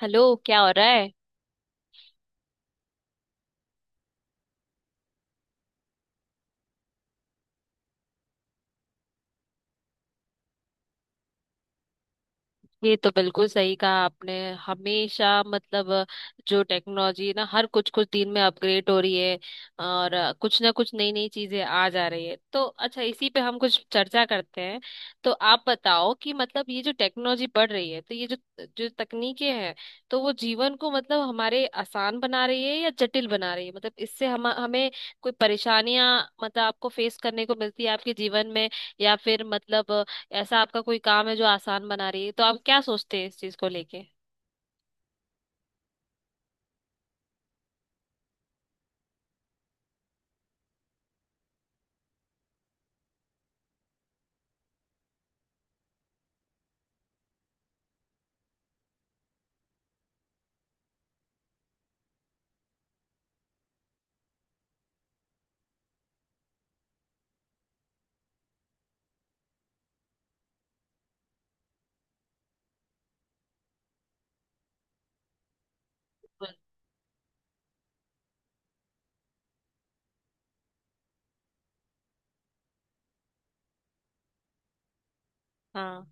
Hello. क्या हो रहा है? ये तो बिल्कुल सही कहा आपने। हमेशा मतलब जो टेक्नोलॉजी है ना, हर कुछ कुछ दिन में अपग्रेड हो रही है। और कुछ ना कुछ नई नई चीजें आ जा रही है। तो अच्छा, इसी पे हम कुछ चर्चा करते हैं। तो आप बताओ कि मतलब ये जो टेक्नोलॉजी बढ़ रही है, तो ये जो जो तकनीकें हैं, तो वो जीवन को मतलब हमारे आसान बना रही है या जटिल बना रही है? मतलब इससे हम हमें कोई परेशानियां, मतलब आपको फेस करने को मिलती है आपके जीवन में? या फिर मतलब ऐसा आपका कोई काम है जो आसान बना रही है? तो आप क्या सोचते हैं इस चीज को लेके? बिल्कुल। हाँ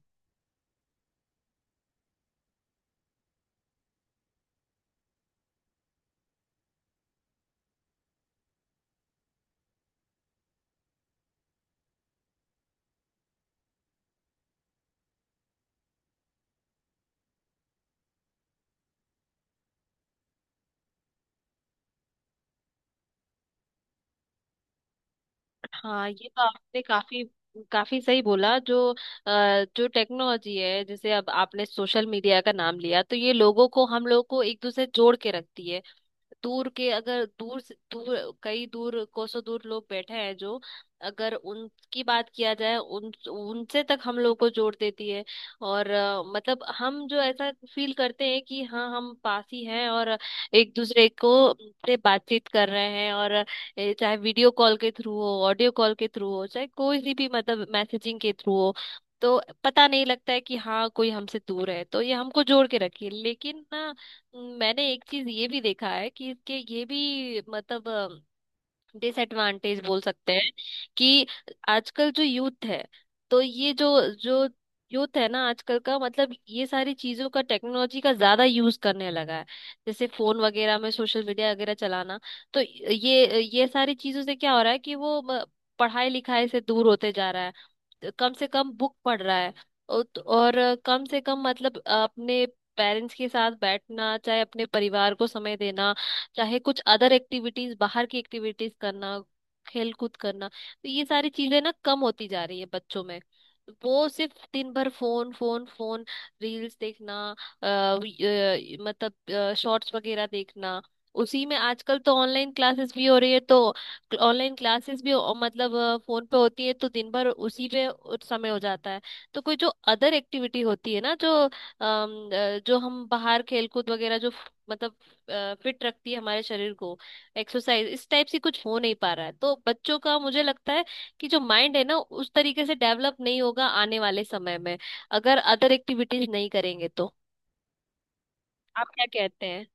हाँ, ये तो आपने काफी काफी सही बोला। जो टेक्नोलॉजी है, जैसे अब आपने सोशल मीडिया का नाम लिया, तो ये लोगों को, हम लोगों को एक दूसरे से जोड़ के रखती है। दूर के, अगर दूर से दूर, कई दूर कोसों दूर लोग बैठे हैं, जो अगर उनकी बात किया जाए उन उनसे तक हम लोग को जोड़ देती है। और मतलब हम जो ऐसा फील करते हैं कि हाँ, हम पास ही हैं, और एक दूसरे को से बातचीत कर रहे हैं, और चाहे वीडियो कॉल के थ्रू हो, ऑडियो कॉल के थ्रू हो, चाहे कोई सी भी मतलब मैसेजिंग के थ्रू हो। तो पता नहीं लगता है कि हाँ कोई हमसे दूर है, तो ये हमको जोड़ के रखिए। लेकिन ना, मैंने एक चीज ये भी देखा है कि इसके ये भी मतलब डिसएडवांटेज बोल सकते हैं। कि आजकल जो यूथ है, तो ये जो जो यूथ है ना आजकल का, मतलब ये सारी चीजों का, टेक्नोलॉजी का ज्यादा यूज करने लगा है। जैसे फोन वगैरह में, सोशल मीडिया वगैरह चलाना। तो ये सारी चीजों से क्या हो रहा है कि वो पढ़ाई लिखाई से दूर होते जा रहा है। तो कम से कम बुक पढ़ रहा है, और तो, और कम से कम मतलब अपने पेरेंट्स के साथ बैठना, चाहे अपने परिवार को समय देना, चाहे कुछ अदर एक्टिविटीज, बाहर की एक्टिविटीज करना, खेल कूद करना। तो ये सारी चीजें ना, कम होती जा रही है बच्चों में। वो सिर्फ दिन भर फोन, फोन, फोन, रील्स देखना, अ, वी- मतलब शॉर्ट्स वगैरह देखना। उसी में आजकल तो ऑनलाइन क्लासेस भी हो रही है। तो ऑनलाइन क्लासेस भी मतलब फोन पे होती है, तो दिन भर उसी पे उस समय हो जाता है। तो कोई जो अदर एक्टिविटी होती है ना, जो हम बाहर खेलकूद वगैरह जो मतलब फिट रखती है हमारे शरीर को। एक्सरसाइज इस टाइप से कुछ हो नहीं पा रहा है, तो बच्चों का मुझे लगता है कि जो माइंड है ना, उस तरीके से डेवलप नहीं होगा आने वाले समय में, अगर अदर एक्टिविटीज नहीं करेंगे तो। आप क्या कहते हैं?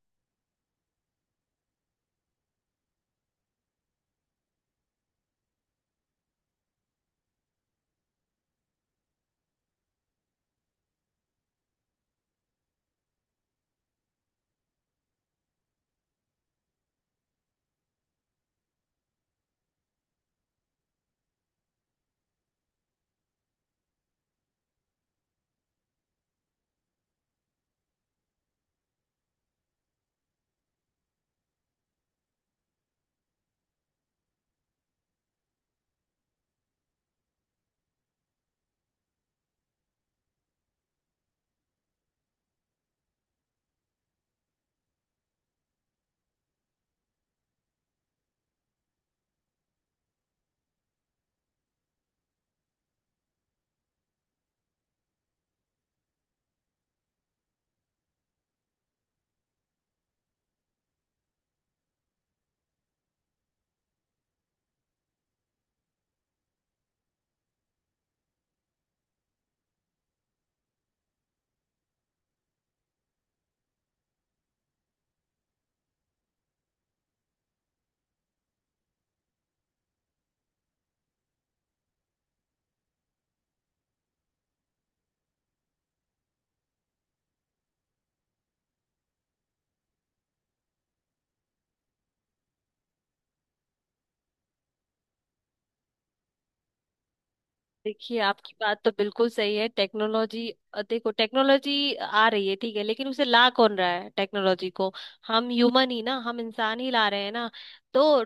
देखिए, आपकी बात तो बिल्कुल सही है। टेक्नोलॉजी देखो, टेक्नोलॉजी आ रही है, ठीक है। लेकिन उसे ला कौन रहा है टेक्नोलॉजी को? हम ह्यूमन ही ना, हम इंसान ही ला रहे हैं ना। तो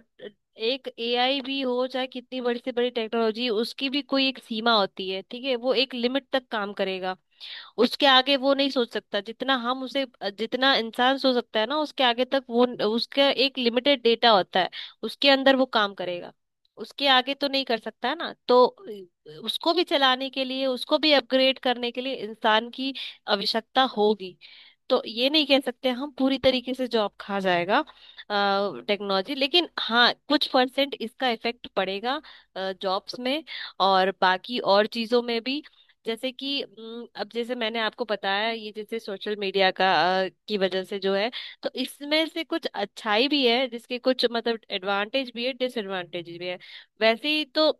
एक एआई भी हो, चाहे कितनी बड़ी से बड़ी टेक्नोलॉजी, उसकी भी कोई एक सीमा होती है, ठीक है। वो एक लिमिट तक काम करेगा, उसके आगे वो नहीं सोच सकता जितना हम उसे, जितना इंसान सोच सकता है ना, उसके आगे तक वो, उसका एक लिमिटेड डेटा होता है, उसके अंदर वो काम करेगा, उसके आगे तो नहीं कर सकता है ना। तो उसको भी चलाने के लिए, उसको भी अपग्रेड करने के लिए इंसान की आवश्यकता होगी। तो ये नहीं कह सकते हम, पूरी तरीके से जॉब खा जाएगा टेक्नोलॉजी। लेकिन हाँ, कुछ परसेंट इसका इफेक्ट पड़ेगा जॉब्स में, और बाकी और चीजों में भी। जैसे कि अब जैसे मैंने आपको बताया, ये जैसे सोशल मीडिया का की वजह से जो है, तो इसमें से कुछ अच्छाई भी है, जिसके कुछ मतलब एडवांटेज भी है, डिसएडवांटेज भी है। वैसे ही तो,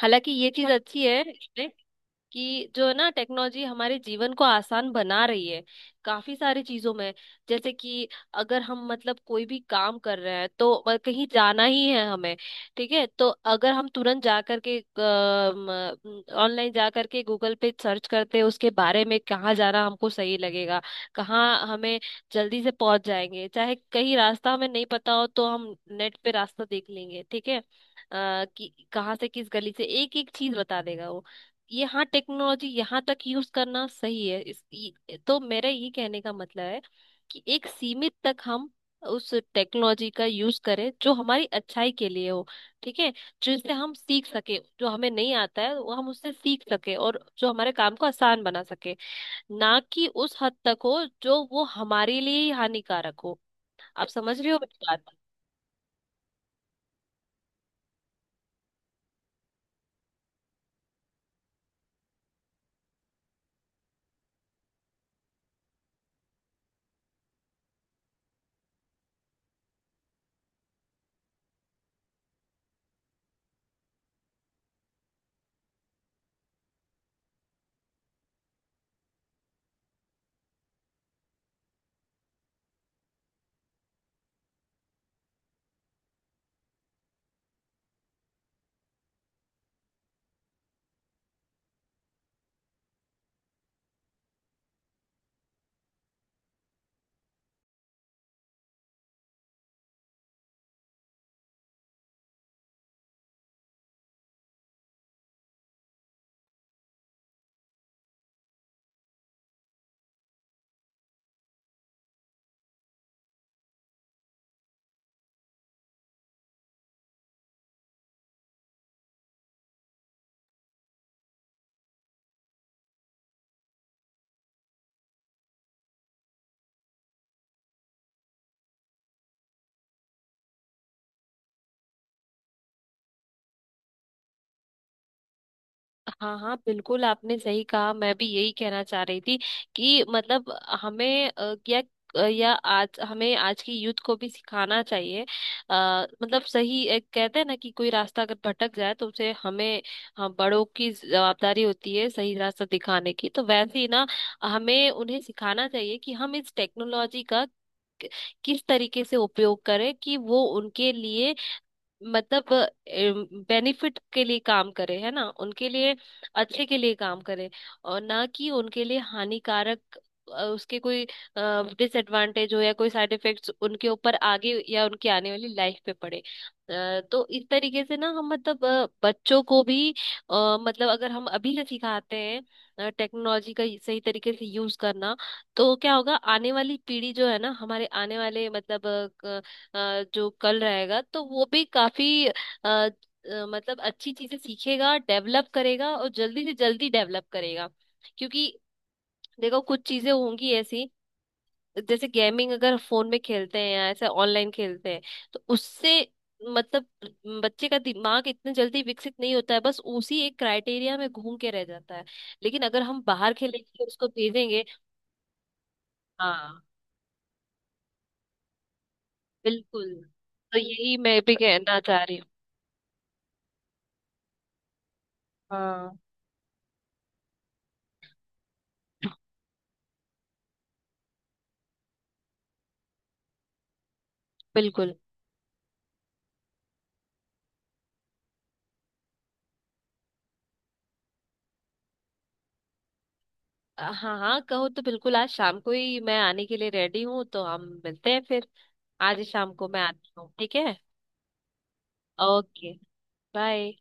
हालांकि ये चीज अच्छी है इसमें, कि जो है ना, टेक्नोलॉजी हमारे जीवन को आसान बना रही है, काफी सारी चीजों में। जैसे कि अगर हम मतलब कोई भी काम कर रहे हैं तो कहीं जाना ही है हमें, ठीक है। तो अगर हम तुरंत जा करके ऑनलाइन जा करके गूगल पे सर्च करते हैं उसके बारे में, कहाँ जाना हमको सही लगेगा, कहाँ हमें जल्दी से पहुंच जाएंगे, चाहे कहीं रास्ता हमें नहीं पता हो तो हम नेट पे रास्ता देख लेंगे, ठीक है। कि कहाँ से किस गली से एक एक चीज बता देगा वो। ये हाँ, टेक्नोलॉजी यहाँ तक यूज करना सही है इस तो मेरा ये कहने का मतलब है कि एक सीमित तक हम उस टेक्नोलॉजी का यूज करें जो हमारी अच्छाई के लिए हो, ठीक है। जिससे हम सीख सके, जो हमें नहीं आता है वो हम उससे सीख सके, और जो हमारे काम को आसान बना सके, ना कि उस हद तक हो जो वो हमारे लिए ही हानिकारक हो। आप समझ रहे हो मेरी बात? हाँ हाँ, बिल्कुल। आपने सही कहा, मैं भी यही कहना चाह रही थी कि मतलब हमें क्या या आज हमें आज की यूथ को भी सिखाना चाहिए। मतलब सही, एक कहते हैं ना कि कोई रास्ता अगर भटक जाए तो उसे हमें, हम बड़ों की जवाबदारी होती है सही रास्ता दिखाने की, तो वैसे ही ना, हमें उन्हें सिखाना चाहिए कि हम इस टेक्नोलॉजी का किस तरीके से उपयोग करें कि वो उनके लिए, मतलब बेनिफिट के लिए काम करे, है ना, उनके लिए अच्छे के लिए काम करे, और ना कि उनके लिए हानिकारक उसके कोई डिसएडवांटेज हो या कोई साइड इफेक्ट्स उनके ऊपर आगे या उनकी आने वाली लाइफ पे पड़े। तो इस तरीके से ना हम मतलब बच्चों को भी मतलब अगर हम अभी से सिखाते हैं टेक्नोलॉजी का सही तरीके से यूज करना, तो क्या होगा, आने वाली पीढ़ी जो है ना, हमारे आने वाले मतलब जो कल रहेगा, तो वो भी काफी अ, मतलब अच्छी चीजें सीखेगा, डेवलप करेगा, और जल्दी से जल्दी डेवलप करेगा, क्योंकि देखो, कुछ चीजें होंगी ऐसी। जैसे गेमिंग अगर फोन में खेलते हैं या ऐसे ऑनलाइन खेलते हैं, तो उससे मतलब बच्चे का दिमाग इतने जल्दी विकसित नहीं होता है, बस उसी एक क्राइटेरिया में घूम के रह जाता है। लेकिन अगर हम बाहर खेलेंगे, उसको भेजेंगे। हाँ, बिल्कुल। तो यही मैं भी कहना चाह रही हूँ। हाँ, बिल्कुल। हाँ हाँ, कहो तो बिल्कुल, आज शाम को ही मैं आने के लिए रेडी हूँ तो हम मिलते हैं फिर। आज ही शाम को मैं आती हूँ, ठीक है। ओके। बाय।